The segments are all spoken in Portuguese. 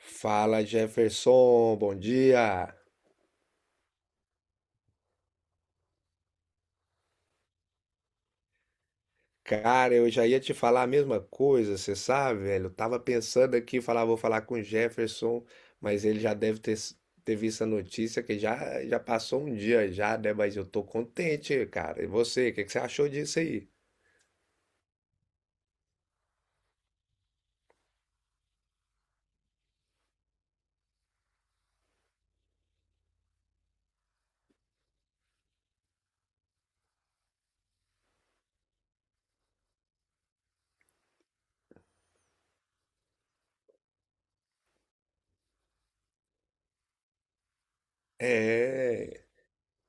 Fala Jefferson, bom dia. Cara, eu já ia te falar a mesma coisa, você sabe, velho? Eu tava pensando aqui, falar, vou falar com o Jefferson, mas ele já deve ter, ter visto a notícia que já passou um dia já, né? Mas eu tô contente, cara. E você, o que que você achou disso aí? É.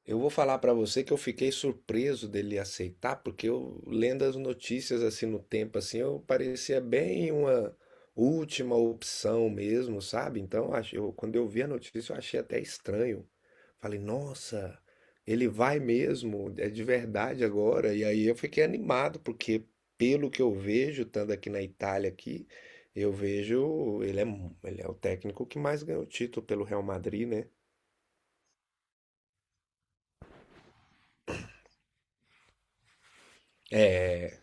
Eu vou falar pra você que eu fiquei surpreso dele aceitar, porque eu lendo as notícias assim no tempo assim, eu parecia bem uma última opção mesmo, sabe? Então, quando eu vi a notícia, eu achei até estranho. Falei, nossa, ele vai mesmo, é de verdade agora. E aí eu fiquei animado, porque pelo que eu vejo, estando aqui na Itália aqui, eu vejo ele é, ele é o técnico que mais ganhou título pelo Real Madrid, né? É.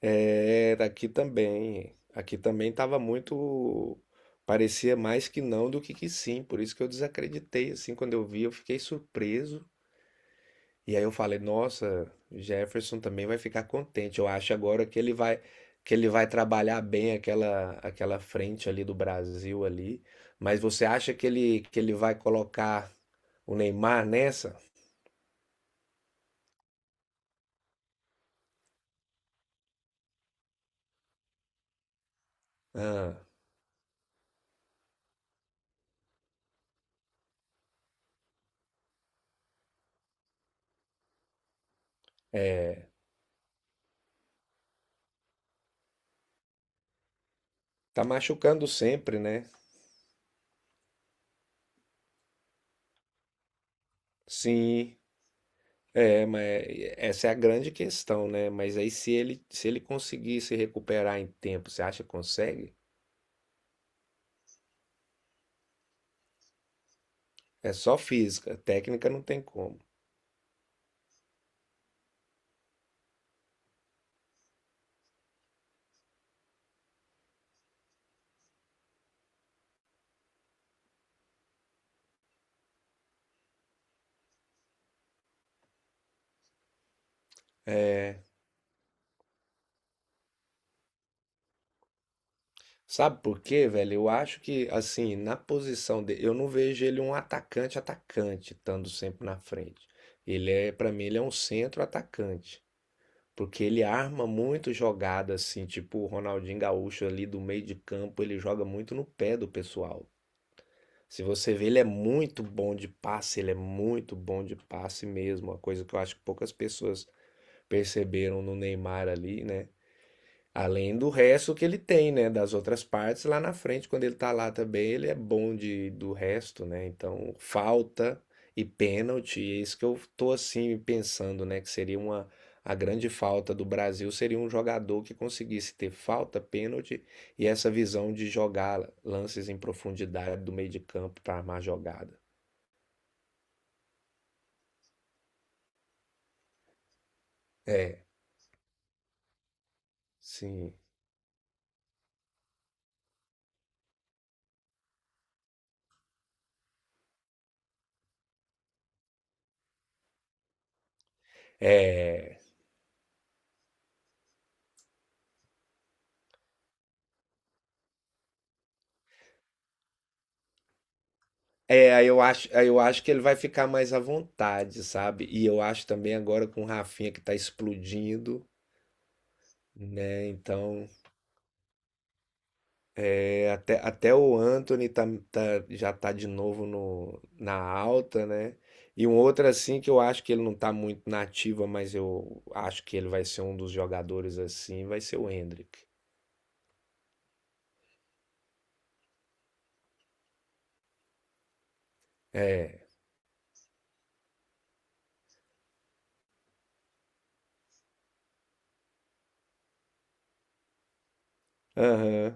Era aqui também. Aqui também estava muito. Parecia mais que não do que sim. Por isso que eu desacreditei. Assim, quando eu vi, eu fiquei surpreso. E aí eu falei, nossa, Jefferson também vai ficar contente. Eu acho agora que ele vai trabalhar bem aquela frente ali do Brasil ali. Mas você acha que ele vai colocar o Neymar nessa? Ah, tá machucando sempre, né? Sim. É, mas essa é a grande questão, né? Mas aí se ele conseguir se recuperar em tempo, você acha que consegue? É só física, técnica não tem como. É, sabe por quê, velho? Eu acho que assim, na posição dele, eu não vejo ele um atacante, estando sempre na frente. Para mim, ele é um centro atacante, porque ele arma muito jogada assim, tipo o Ronaldinho Gaúcho ali do meio de campo, ele joga muito no pé do pessoal. Se você vê, ele é muito bom de passe mesmo, uma coisa que eu acho que poucas pessoas perceberam no Neymar ali, né? Além do resto que ele tem, né, das outras partes lá na frente, quando ele tá lá também, ele é bom de, do resto, né? Então, falta e pênalti, é isso que eu tô assim pensando, né, que seria uma a grande falta do Brasil seria um jogador que conseguisse ter falta, pênalti e essa visão de jogar lances em profundidade do meio de campo para armar jogada. Sim. É. Aí eu acho que ele vai ficar mais à vontade, sabe? E eu acho também agora com o Rafinha que tá explodindo, né? Então, é, até o Anthony tá, já tá de novo no, na alta, né? E um outro assim que eu acho que ele não tá muito na ativa, mas eu acho que ele vai ser um dos jogadores assim, vai ser o Hendrick. É, aham.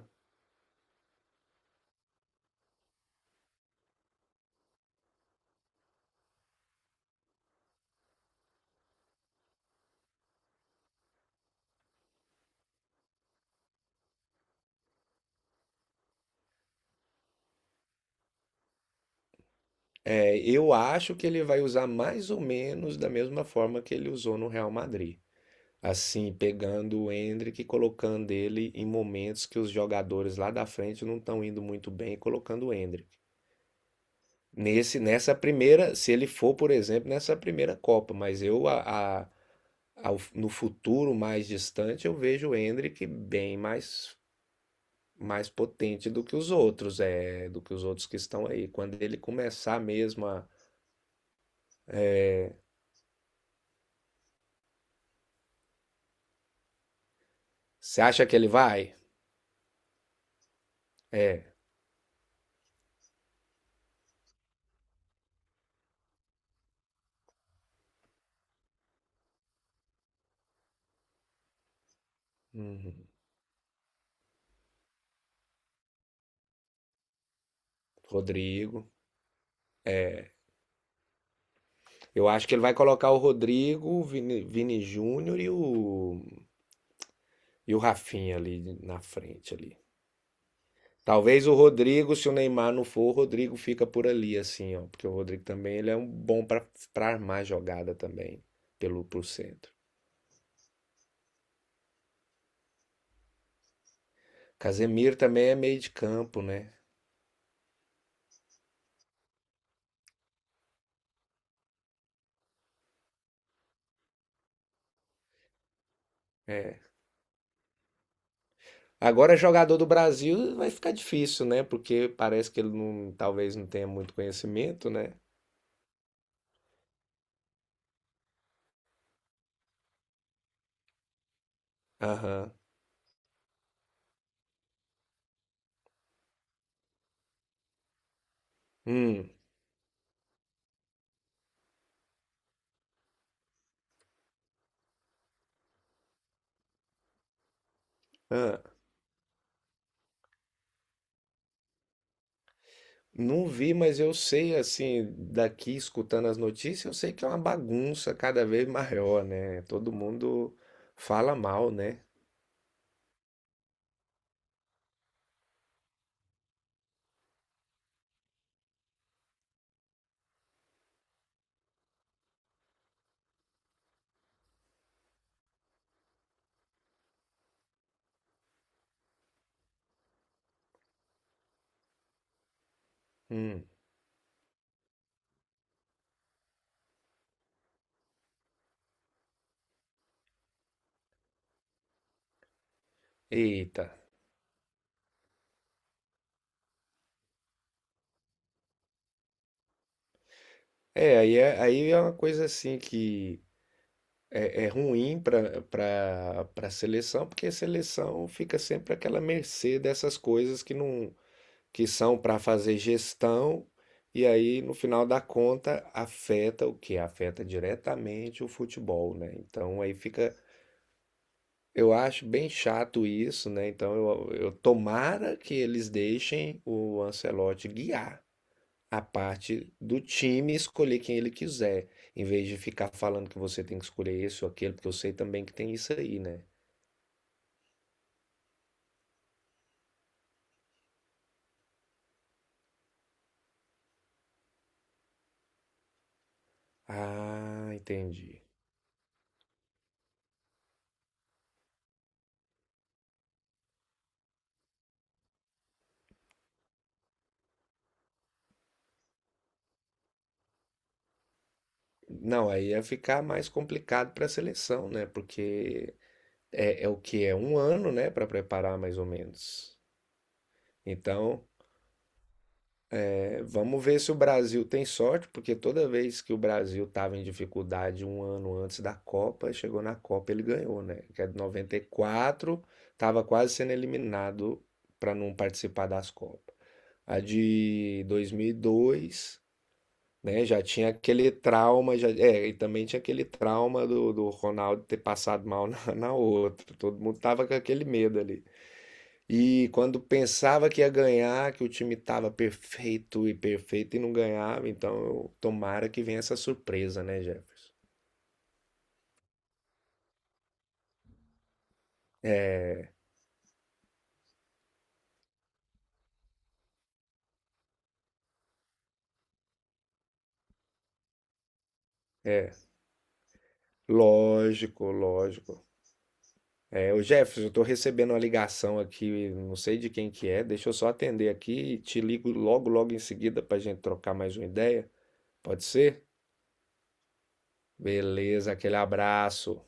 É, eu acho que ele vai usar mais ou menos da mesma forma que ele usou no Real Madrid. Assim, pegando o Endrick e colocando ele em momentos que os jogadores lá da frente não estão indo muito bem, colocando o Endrick. Se ele for, por exemplo, nessa primeira Copa, mas eu a- ao- no futuro mais distante eu vejo o Endrick bem mais mais potente do que os outros, é, do que os outros que estão aí. Quando ele começar mesmo a, você acha que ele vai? É. Uhum. Rodrigo. Eu acho que ele vai colocar o Rodrigo, o Vini Júnior e o Rafinha ali na frente ali. Talvez o Rodrigo, se o Neymar não for, o Rodrigo fica por ali assim, ó, porque o Rodrigo também ele é um bom para armar jogada também pelo pro centro. Casemiro também é meio de campo, né? É. Agora jogador do Brasil vai ficar difícil, né? Porque parece que ele não, talvez não tenha muito conhecimento, né? Aham. Hum. Ah. Não vi, mas eu sei, assim, daqui escutando as notícias, eu sei que é uma bagunça cada vez maior, né? Todo mundo fala mal, né? Hum, eita. Aí é uma coisa assim que é, é ruim para seleção, porque a seleção fica sempre àquela mercê dessas coisas que não que são para fazer gestão, e aí no final da conta afeta o que? Afeta diretamente o futebol, né? Então aí fica. Eu acho bem chato isso, né? Então eu tomara que eles deixem o Ancelotti guiar a parte do time e escolher quem ele quiser, em vez de ficar falando que você tem que escolher esse ou aquele, porque eu sei também que tem isso aí, né? Ah, entendi. Não, aí ia ficar mais complicado para a seleção, né? Porque é, é o que é um ano, né, para preparar mais ou menos. Então é, vamos ver se o Brasil tem sorte, porque toda vez que o Brasil estava em dificuldade um ano antes da Copa, chegou na Copa ele ganhou, né? Que é de 94 estava quase sendo eliminado para não participar das Copas. A de 2002, né? Já tinha aquele trauma, já, é, e também tinha aquele trauma do, do Ronaldo ter passado mal na, na outra. Todo mundo tava com aquele medo ali. E quando pensava que ia ganhar, que o time estava perfeito e perfeito e não ganhava, então tomara que venha essa surpresa, né, Jefferson? É, lógico, lógico. É, o Jefferson, eu tô recebendo uma ligação aqui, não sei de quem que é, deixa eu só atender aqui e te ligo logo em seguida pra gente trocar mais uma ideia. Pode ser? Beleza, aquele abraço.